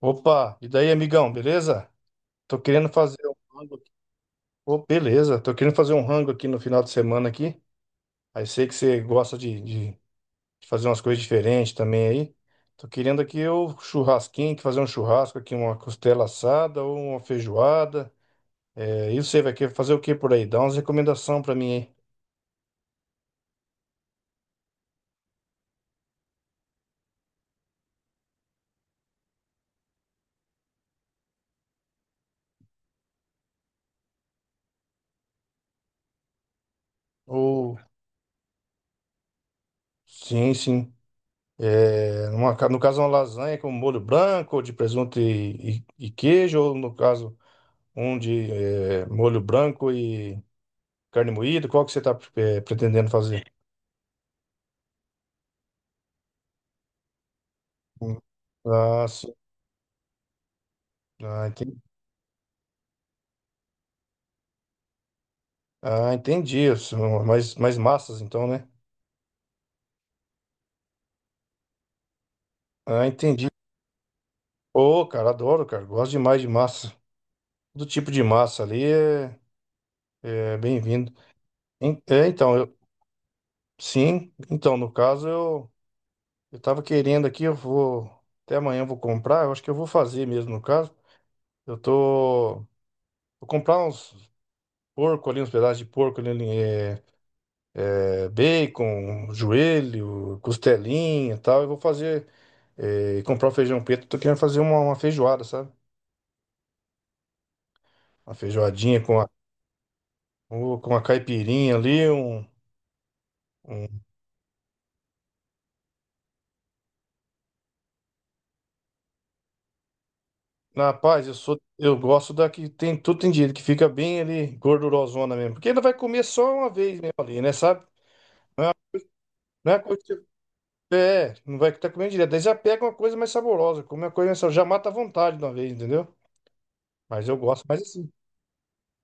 Opa, e daí, amigão, beleza? Tô querendo fazer um rango aqui. Ô, beleza, tô querendo fazer um rango aqui no final de semana aqui. Aí sei que você gosta de fazer umas coisas diferentes também aí. Tô querendo aqui o churrasquinho, que fazer um churrasco aqui, uma costela assada ou uma feijoada. É, e você vai querer fazer o que por aí? Dá umas recomendações pra mim aí. Ou, sim, sim. É, no caso, uma lasanha com molho branco, de presunto e queijo, ou no caso. Um de molho branco e carne moída. Qual que você está pretendendo fazer? Hum. Ah, sim. Ah, entendi. Ah, entendi. São mais, mais massas, então, né? Ah, entendi. Ô, cara, adoro, cara. Gosto demais de massa. Todo tipo de massa ali é bem-vindo. É, então, eu, sim. Então, no caso, eu tava querendo aqui, eu vou. Até amanhã eu vou comprar. Eu acho que eu vou fazer mesmo, no caso. Eu tô. Vou comprar uns porco ali, uns pedaços de porco ali, bacon, joelho, costelinha e tal. Eu vou fazer, comprar o feijão preto. Tô querendo fazer uma feijoada, sabe? Uma feijoadinha com a, com uma caipirinha ali, um... Rapaz, eu sou, eu gosto da que tem tudo tem direito, que fica bem ali, gordurosona mesmo. Porque ainda vai comer só uma vez mesmo ali, né, sabe? Não é coisa que você- é, não vai estar comendo direto. Daí já pega uma coisa mais saborosa, come uma coisa mais saborosa, já mata a vontade de uma vez, entendeu? Mas eu gosto mais assim.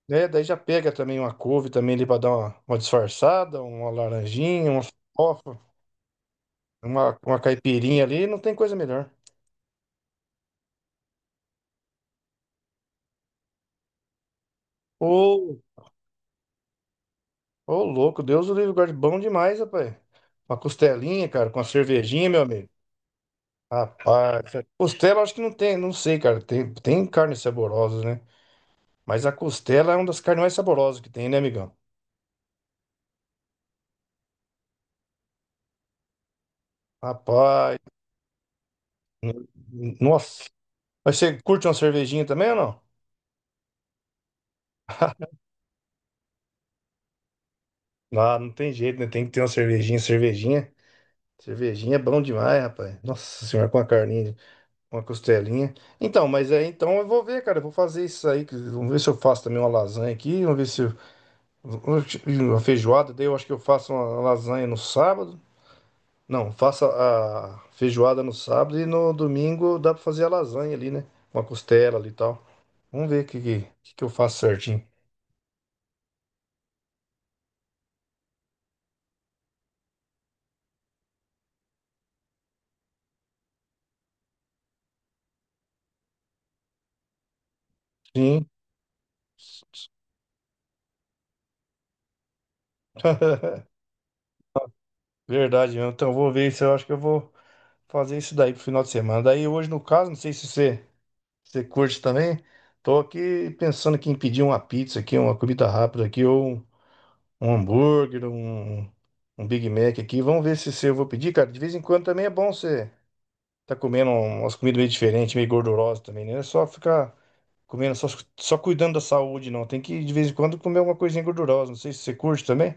Né? Daí já pega também uma couve também ali para dar uma disfarçada, uma laranjinha, uma farofa, uma caipirinha ali, não tem coisa melhor. Ô, ô louco, Deus o livre guarde, bom demais, rapaz. Uma costelinha, cara, com uma cervejinha, meu amigo. Rapaz, costela eu acho que não tem, não sei, cara. Tem, tem carnes saborosas, né? Mas a costela é uma das carnes mais saborosas que tem, né, amigão? Rapaz, n- nossa. Mas você curte uma cervejinha também ou não? Não, não tem jeito, né? Tem que ter uma cervejinha, cervejinha. Cervejinha é bom demais, rapaz. Nossa senhora, com a carninha, com a costelinha. Então, mas é, então eu vou ver, cara. Eu vou fazer isso aí. Vamos ver se eu faço também uma lasanha aqui. Vamos ver se eu, uma feijoada. Daí eu acho que eu faço uma lasanha no sábado. Não, faço a feijoada no sábado e no domingo dá pra fazer a lasanha ali, né? Uma costela ali e tal. Vamos ver o que eu faço certinho. Sim. Verdade, mesmo. Então eu vou ver se eu acho que eu vou fazer isso daí pro final de semana. Daí hoje, no caso, não sei se você. Você curte também? Tô aqui pensando aqui em pedir uma pizza aqui, uma comida rápida aqui, ou um hambúrguer, um Big Mac aqui. Vamos ver se, se eu vou pedir, cara. De vez em quando também é bom você tá comendo um, umas comidas meio diferentes, meio gordurosas também, né? Não é só ficar comendo, só, só cuidando da saúde, não. Tem que, de vez em quando, comer alguma coisinha gordurosa. Não sei se você curte também.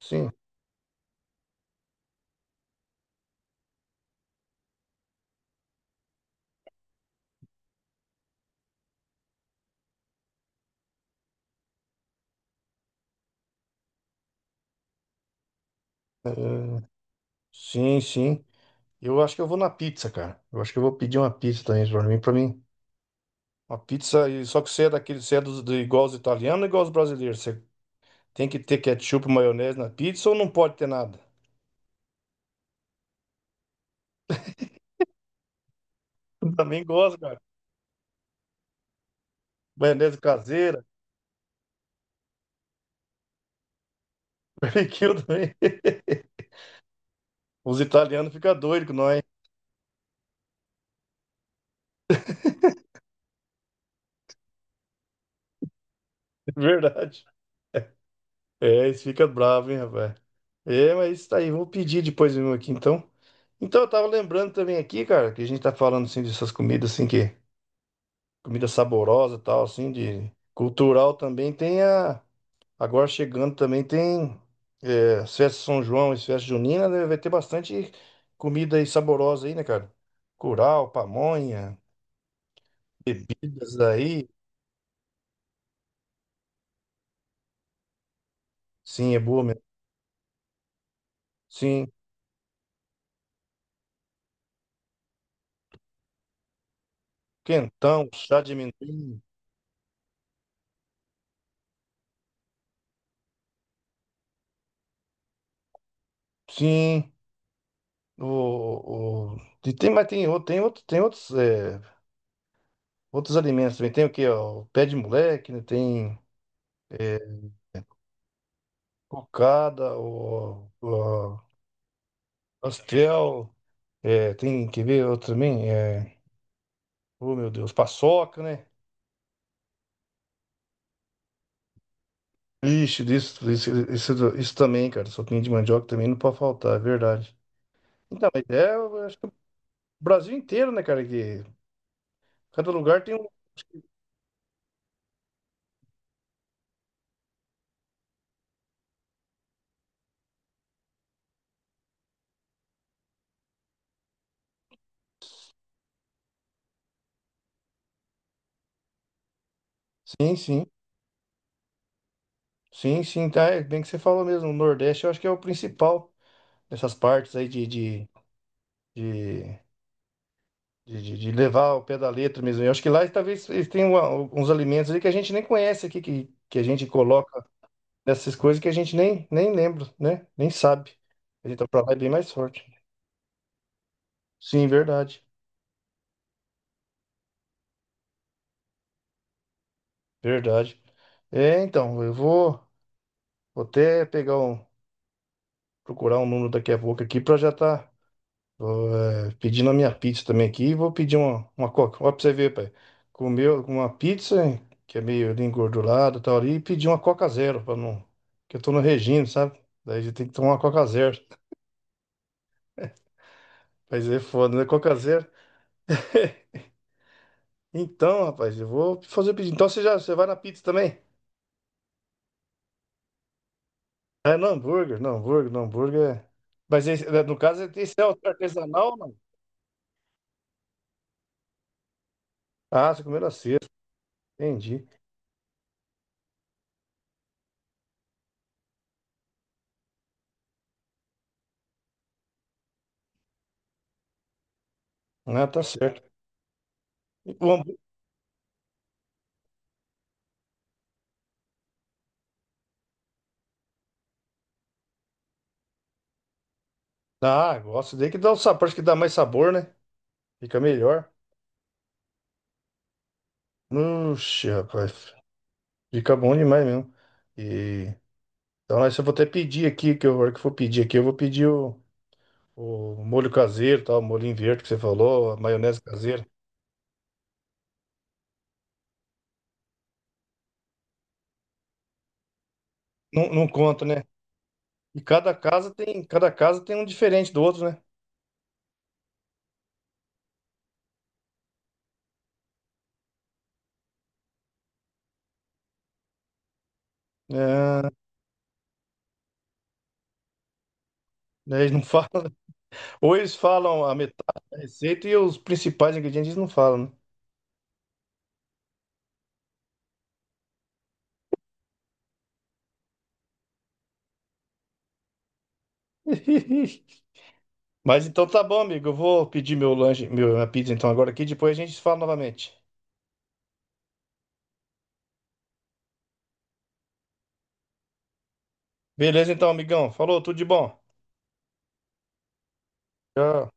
Sim. É, sim, sim. Eu acho que eu vou na pizza, cara. Eu acho que eu vou pedir uma pizza também pra mim, pra mim. Uma pizza, e só que você é daquele, você é igual os italianos, igual os brasileiros. Você tem que ter ketchup, maionese na pizza ou não pode ter nada? Também gosto, cara. Maionese caseira, barbecue também. Os italianos ficam doidos com nós, é verdade. É, eles ficam bravos, hein, rapaz. É, mas isso aí, vou pedir depois mesmo aqui, então. Então, eu tava lembrando também aqui, cara, que a gente tá falando, assim, dessas comidas, assim, que... Comida saborosa e tal, assim, de... Cultural também tem a... Agora chegando também tem as festas de São João e as festas juninas, né? Vai ter bastante comida aí saborosa aí, né, cara? Curau, pamonha, bebidas aí. Sim, é boa mesmo. Sim, quentão, chá de amendoim. Sim, o, o... E tem, outros alimentos também. Tem o quê? Ó? O pé de moleque, né? Tem é, cocada, o pastel. É, tem, quer ver outro também? É, oh, meu Deus, paçoca, né? Ixi, isso também, cara. Sopinha de mandioca também não pode faltar, é verdade. Então, mas é, eu acho que o Brasil inteiro, né, cara? Que cada lugar tem um. Sim, sim. Sim, sim, tá. É bem que você falou mesmo. O Nordeste eu acho que é o principal nessas partes aí de, de levar o pé da letra mesmo. Eu acho que lá talvez eles tenham uns alimentos ali que a gente nem conhece aqui, que a gente coloca nessas coisas que a gente nem lembra, né? Nem sabe. A gente tá pra lá é bem mais forte. Sim, verdade. Verdade. É, então, eu vou, vou até pegar um, procurar um número daqui a pouco aqui pra já tá pedindo a minha pizza também aqui. E vou pedir uma coca. Ó, pra você ver, pai. Comeu uma pizza, que é meio ali engordurada e tal ali, e pedi uma coca zero, pra não. Que eu tô no regime, sabe? Daí a gente tem que tomar uma coca zero. Mas é foda, né? Coca zero. Então, rapaz, eu vou fazer o pedido. Então você já, você vai na pizza também? É no hambúrguer, no hambúrguer, no hambúrguer. Mas né, no caso, esse é o artesanal, não? Ah, você comeu na sexta, entendi. Ah, tá certo. E ah, gosto daí que dá o sabor, acho que dá mais sabor, né? Fica melhor. Oxi, rapaz, fica bom demais mesmo. E... Então, eu vou até pedir aqui, que eu, a hora que eu for pedir aqui, eu vou pedir o molho caseiro, tal, o molhinho verde que você falou, a maionese caseira. Não, não conta, né? E cada casa tem um diferente do outro, né? É, né, eles não falam. Ou eles falam a metade da receita e os principais ingredientes eles não falam, né? Mas então tá bom, amigo. Eu vou pedir meu lanche, minha pizza então agora aqui, depois a gente se fala novamente. Beleza então, amigão. Falou, tudo de bom. Tchau.